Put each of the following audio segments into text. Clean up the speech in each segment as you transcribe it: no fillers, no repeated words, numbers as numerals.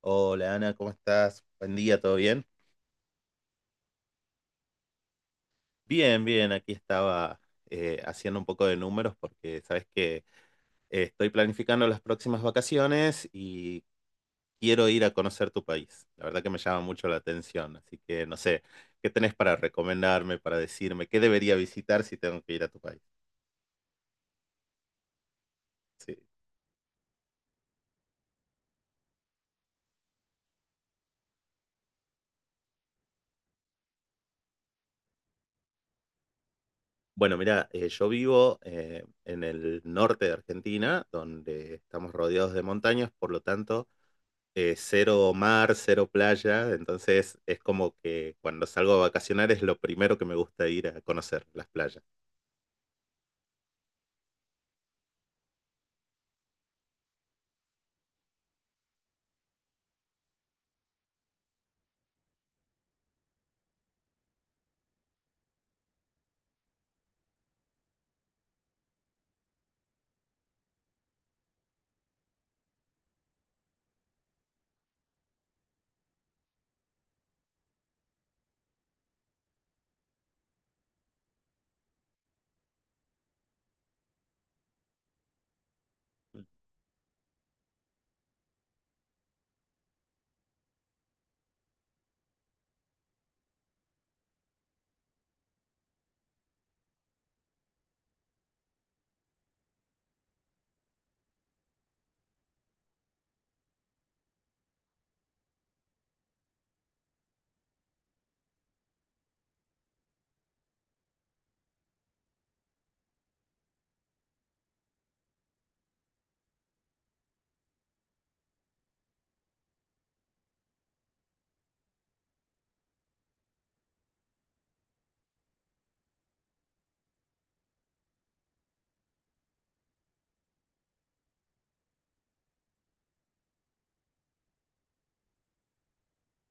Hola Ana, ¿cómo estás? Buen día, ¿todo bien? Bien, bien, aquí estaba haciendo un poco de números porque sabes que estoy planificando las próximas vacaciones y quiero ir a conocer tu país. La verdad que me llama mucho la atención, así que no sé, ¿qué tenés para recomendarme, para decirme qué debería visitar si tengo que ir a tu país? Sí. Bueno, mira, yo vivo en el norte de Argentina, donde estamos rodeados de montañas, por lo tanto cero mar, cero playa, entonces es como que cuando salgo a vacacionar es lo primero que me gusta ir a conocer las playas.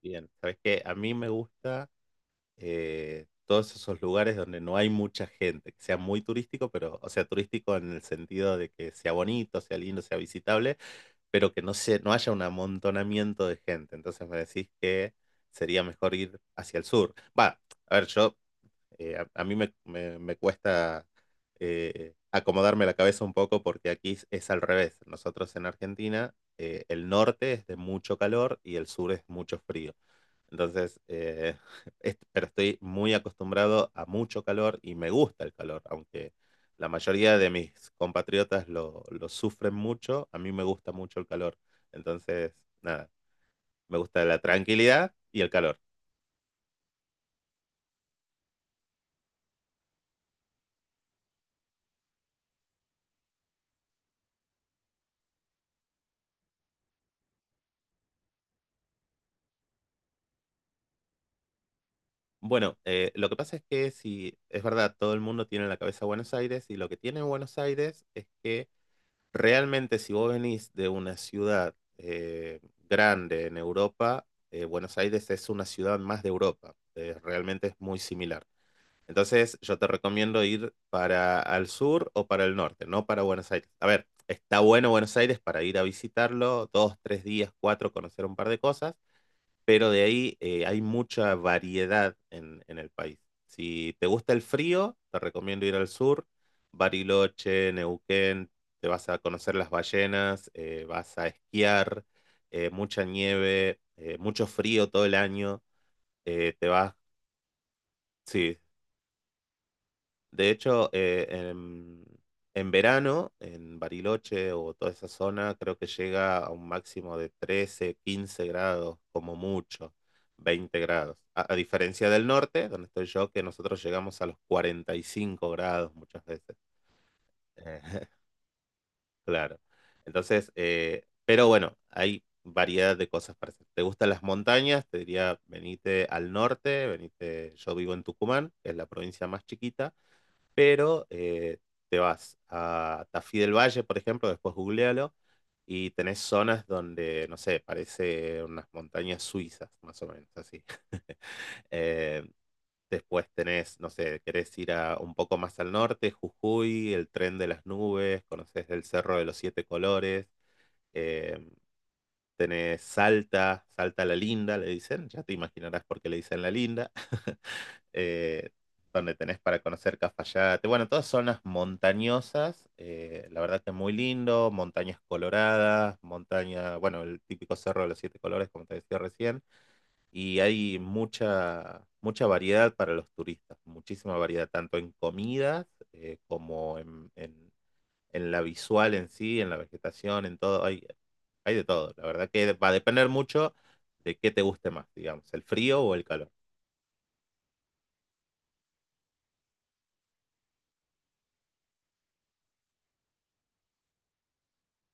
Bien, ¿sabes qué? A mí me gusta todos esos lugares donde no hay mucha gente, que sea muy turístico, pero, o sea, turístico en el sentido de que sea bonito, sea lindo, sea visitable, pero que no, se, no haya un amontonamiento de gente. Entonces me decís que sería mejor ir hacia el sur. Va, a ver, yo... A mí me cuesta acomodarme la cabeza un poco porque aquí es al revés. Nosotros en Argentina, el norte es de mucho calor y el sur es mucho frío. Entonces, pero estoy muy acostumbrado a mucho calor y me gusta el calor, aunque la mayoría de mis compatriotas lo sufren mucho, a mí me gusta mucho el calor. Entonces, nada, me gusta la tranquilidad y el calor. Bueno, lo que pasa es que si es verdad, todo el mundo tiene en la cabeza Buenos Aires y lo que tiene Buenos Aires es que realmente si vos venís de una ciudad grande en Europa, Buenos Aires es una ciudad más de Europa, realmente es muy similar. Entonces yo te recomiendo ir para al sur o para el norte, no para Buenos Aires. A ver, está bueno Buenos Aires para ir a visitarlo, dos, tres días, cuatro, conocer un par de cosas, pero de ahí hay mucha variedad en el país. Si te gusta el frío, te recomiendo ir al sur, Bariloche, Neuquén, te vas a conocer las ballenas, vas a esquiar, mucha nieve, mucho frío todo el año, eh, te vas, sí. De hecho, en verano, en Bariloche o toda esa zona, creo que llega a un máximo de 13, 15 grados, como mucho, 20 grados. A diferencia del norte, donde estoy yo, que nosotros llegamos a los 45 grados muchas veces. Eh, claro. Entonces, pero bueno, hay variedad de cosas para hacer. ¿Te gustan las montañas? Te diría, venite al norte, venite, yo vivo en Tucumán, que es la provincia más chiquita, pero te vas a Tafí del Valle, por ejemplo, después googlealo, y tenés zonas donde, no sé, parece unas montañas suizas, más o menos así. Eh, después tenés, no sé, querés ir a, un poco más al norte, Jujuy, el tren de las nubes, conocés el Cerro de los Siete Colores. eh, Tenés Salta, Salta la Linda, le dicen, ya te imaginarás por qué le dicen la Linda. eh, Donde tenés para conocer Cafayate. Bueno, todas zonas montañosas, la verdad que es muy lindo, montañas coloradas, montaña, bueno, el típico cerro de los siete colores, como te decía recién, y hay mucha, mucha variedad para los turistas, muchísima variedad, tanto en comidas como en la visual en sí, en la vegetación, en todo, hay de todo. La verdad que va a depender mucho de qué te guste más, digamos, el frío o el calor.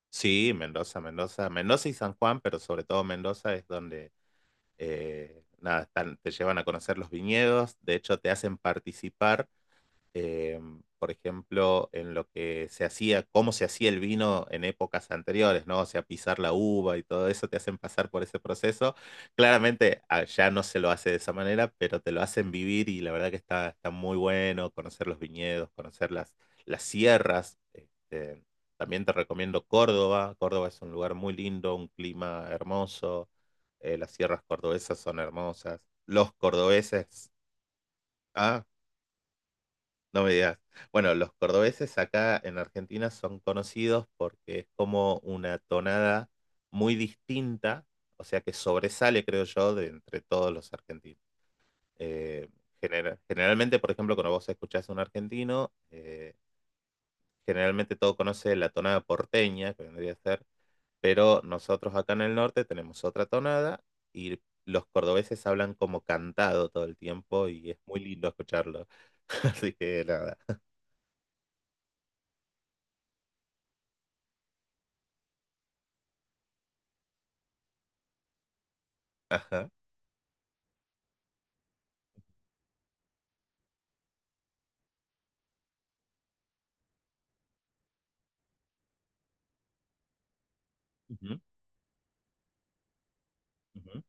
Sí, Mendoza, Mendoza, Mendoza y San Juan, pero sobre todo Mendoza es donde nada, te llevan a conocer los viñedos, de hecho te hacen participar, eh, por ejemplo, en lo que se hacía, cómo se hacía el vino en épocas anteriores, ¿no? O sea, pisar la uva y todo eso, te hacen pasar por ese proceso. Claramente allá no se lo hace de esa manera, pero te lo hacen vivir y la verdad que está, está muy bueno conocer los viñedos, conocer las sierras. Este, también te recomiendo Córdoba. Córdoba es un lugar muy lindo, un clima hermoso. Las sierras cordobesas son hermosas. Los cordobeses, ¿ah? No me digas. Bueno, los cordobeses acá en Argentina son conocidos porque es como una tonada muy distinta, o sea que sobresale, creo yo, de entre todos los argentinos. Eh, Generalmente, por ejemplo, cuando vos escuchás a un argentino, generalmente todo conoce la tonada porteña, que vendría a ser, pero nosotros acá en el norte tenemos otra tonada y los cordobeses hablan como cantado todo el tiempo y es muy lindo escucharlo. Así que nada. Ajá. Ujú.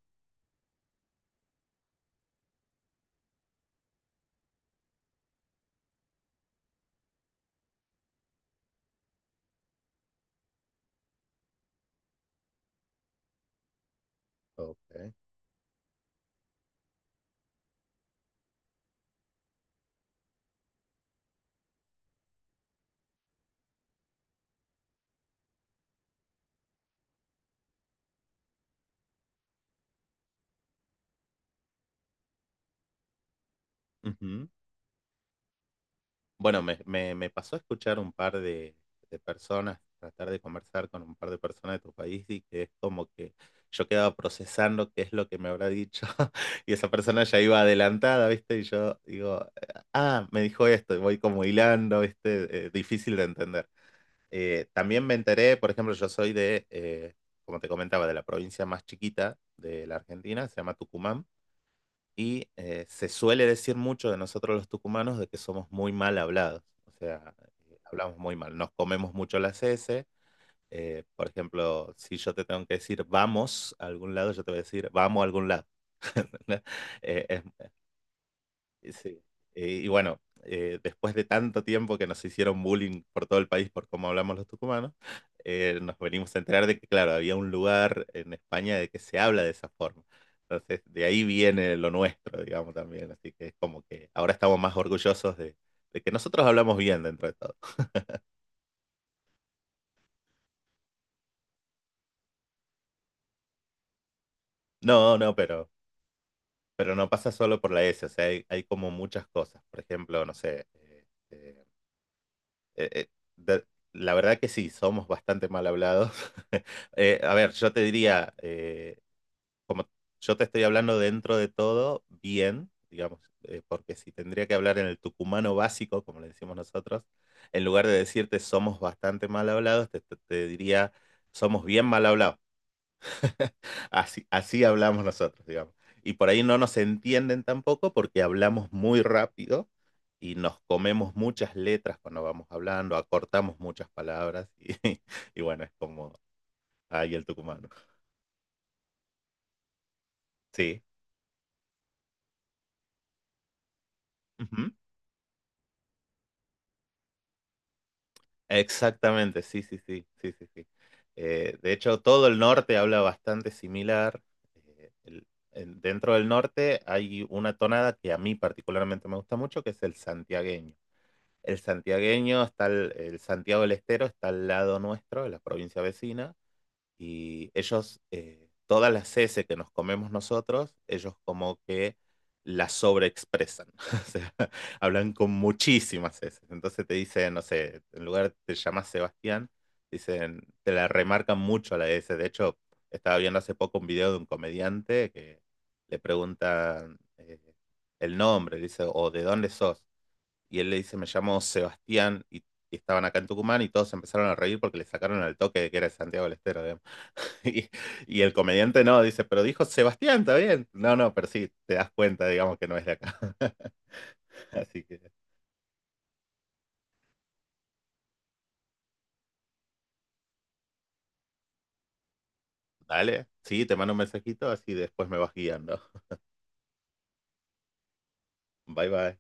Ok. Ujú. Bueno, me pasó a escuchar un par de personas, tratar de conversar con un par de personas de tu país y que es como que yo quedaba procesando qué es lo que me habrá dicho. Y esa persona ya iba adelantada, ¿viste? Y yo digo, ah, me dijo esto y voy como hilando, ¿viste? Difícil de entender. También me enteré, por ejemplo, yo soy de, como te comentaba, de la provincia más chiquita de la Argentina, se llama Tucumán. Y se suele decir mucho de nosotros los tucumanos de que somos muy mal hablados, o sea, hablamos muy mal, nos comemos mucho las S, por ejemplo, si yo te tengo que decir vamos a algún lado, yo te voy a decir vamos a algún lado. Eh, es, Sí. Y bueno, después de tanto tiempo que nos hicieron bullying por todo el país por cómo hablamos los tucumanos, nos venimos a enterar de que, claro, había un lugar en España de que se habla de esa forma. Entonces, de ahí viene lo nuestro, digamos, también. Así que es como que ahora estamos más orgullosos de que nosotros hablamos bien dentro de todo. No, no, pero no pasa solo por la S, o sea, hay como muchas cosas. Por ejemplo, no sé, eh, eh, eh, de- la verdad que sí, somos bastante mal hablados. A ver, yo te diría, como yo te estoy hablando dentro de todo, bien, digamos, porque si tendría que hablar en el tucumano básico, como le decimos nosotros, en lugar de decirte somos bastante mal hablados, te diría somos bien mal hablados. Así, así hablamos nosotros, digamos. Y por ahí no nos entienden tampoco porque hablamos muy rápido y nos comemos muchas letras cuando vamos hablando, acortamos muchas palabras y, y bueno, es como ahí el tucumano. Sí, ujú. Exactamente, sí, sí, sí, sí, sí, sí. De hecho, todo el norte habla bastante similar. Eh, el- Dentro del norte hay una tonada que a mí particularmente me gusta mucho, que es el santiagueño. El santiagueño está, el Santiago del Estero está al lado nuestro, en la provincia vecina. Y ellos, todas las S que nos comemos nosotros, ellos como que las sobreexpresan. O sea, hablan con muchísimas S. Entonces te dicen, no sé, en lugar de te llamas Sebastián, dicen, te la remarcan mucho a la S. De hecho, estaba viendo hace poco un video de un comediante que le preguntan el nombre, dice, o de dónde sos. Y él le dice, me llamo Sebastián, y estaban acá en Tucumán, y todos empezaron a reír porque le sacaron al toque de que era de Santiago del Estero. ¿Eh? Y, y el comediante no, dice, pero dijo Sebastián, está bien. No, no, pero sí, te das cuenta, digamos, que no es de acá. Así que, dale, sí, te mando un mensajito, así después me vas guiando. Bye, bye.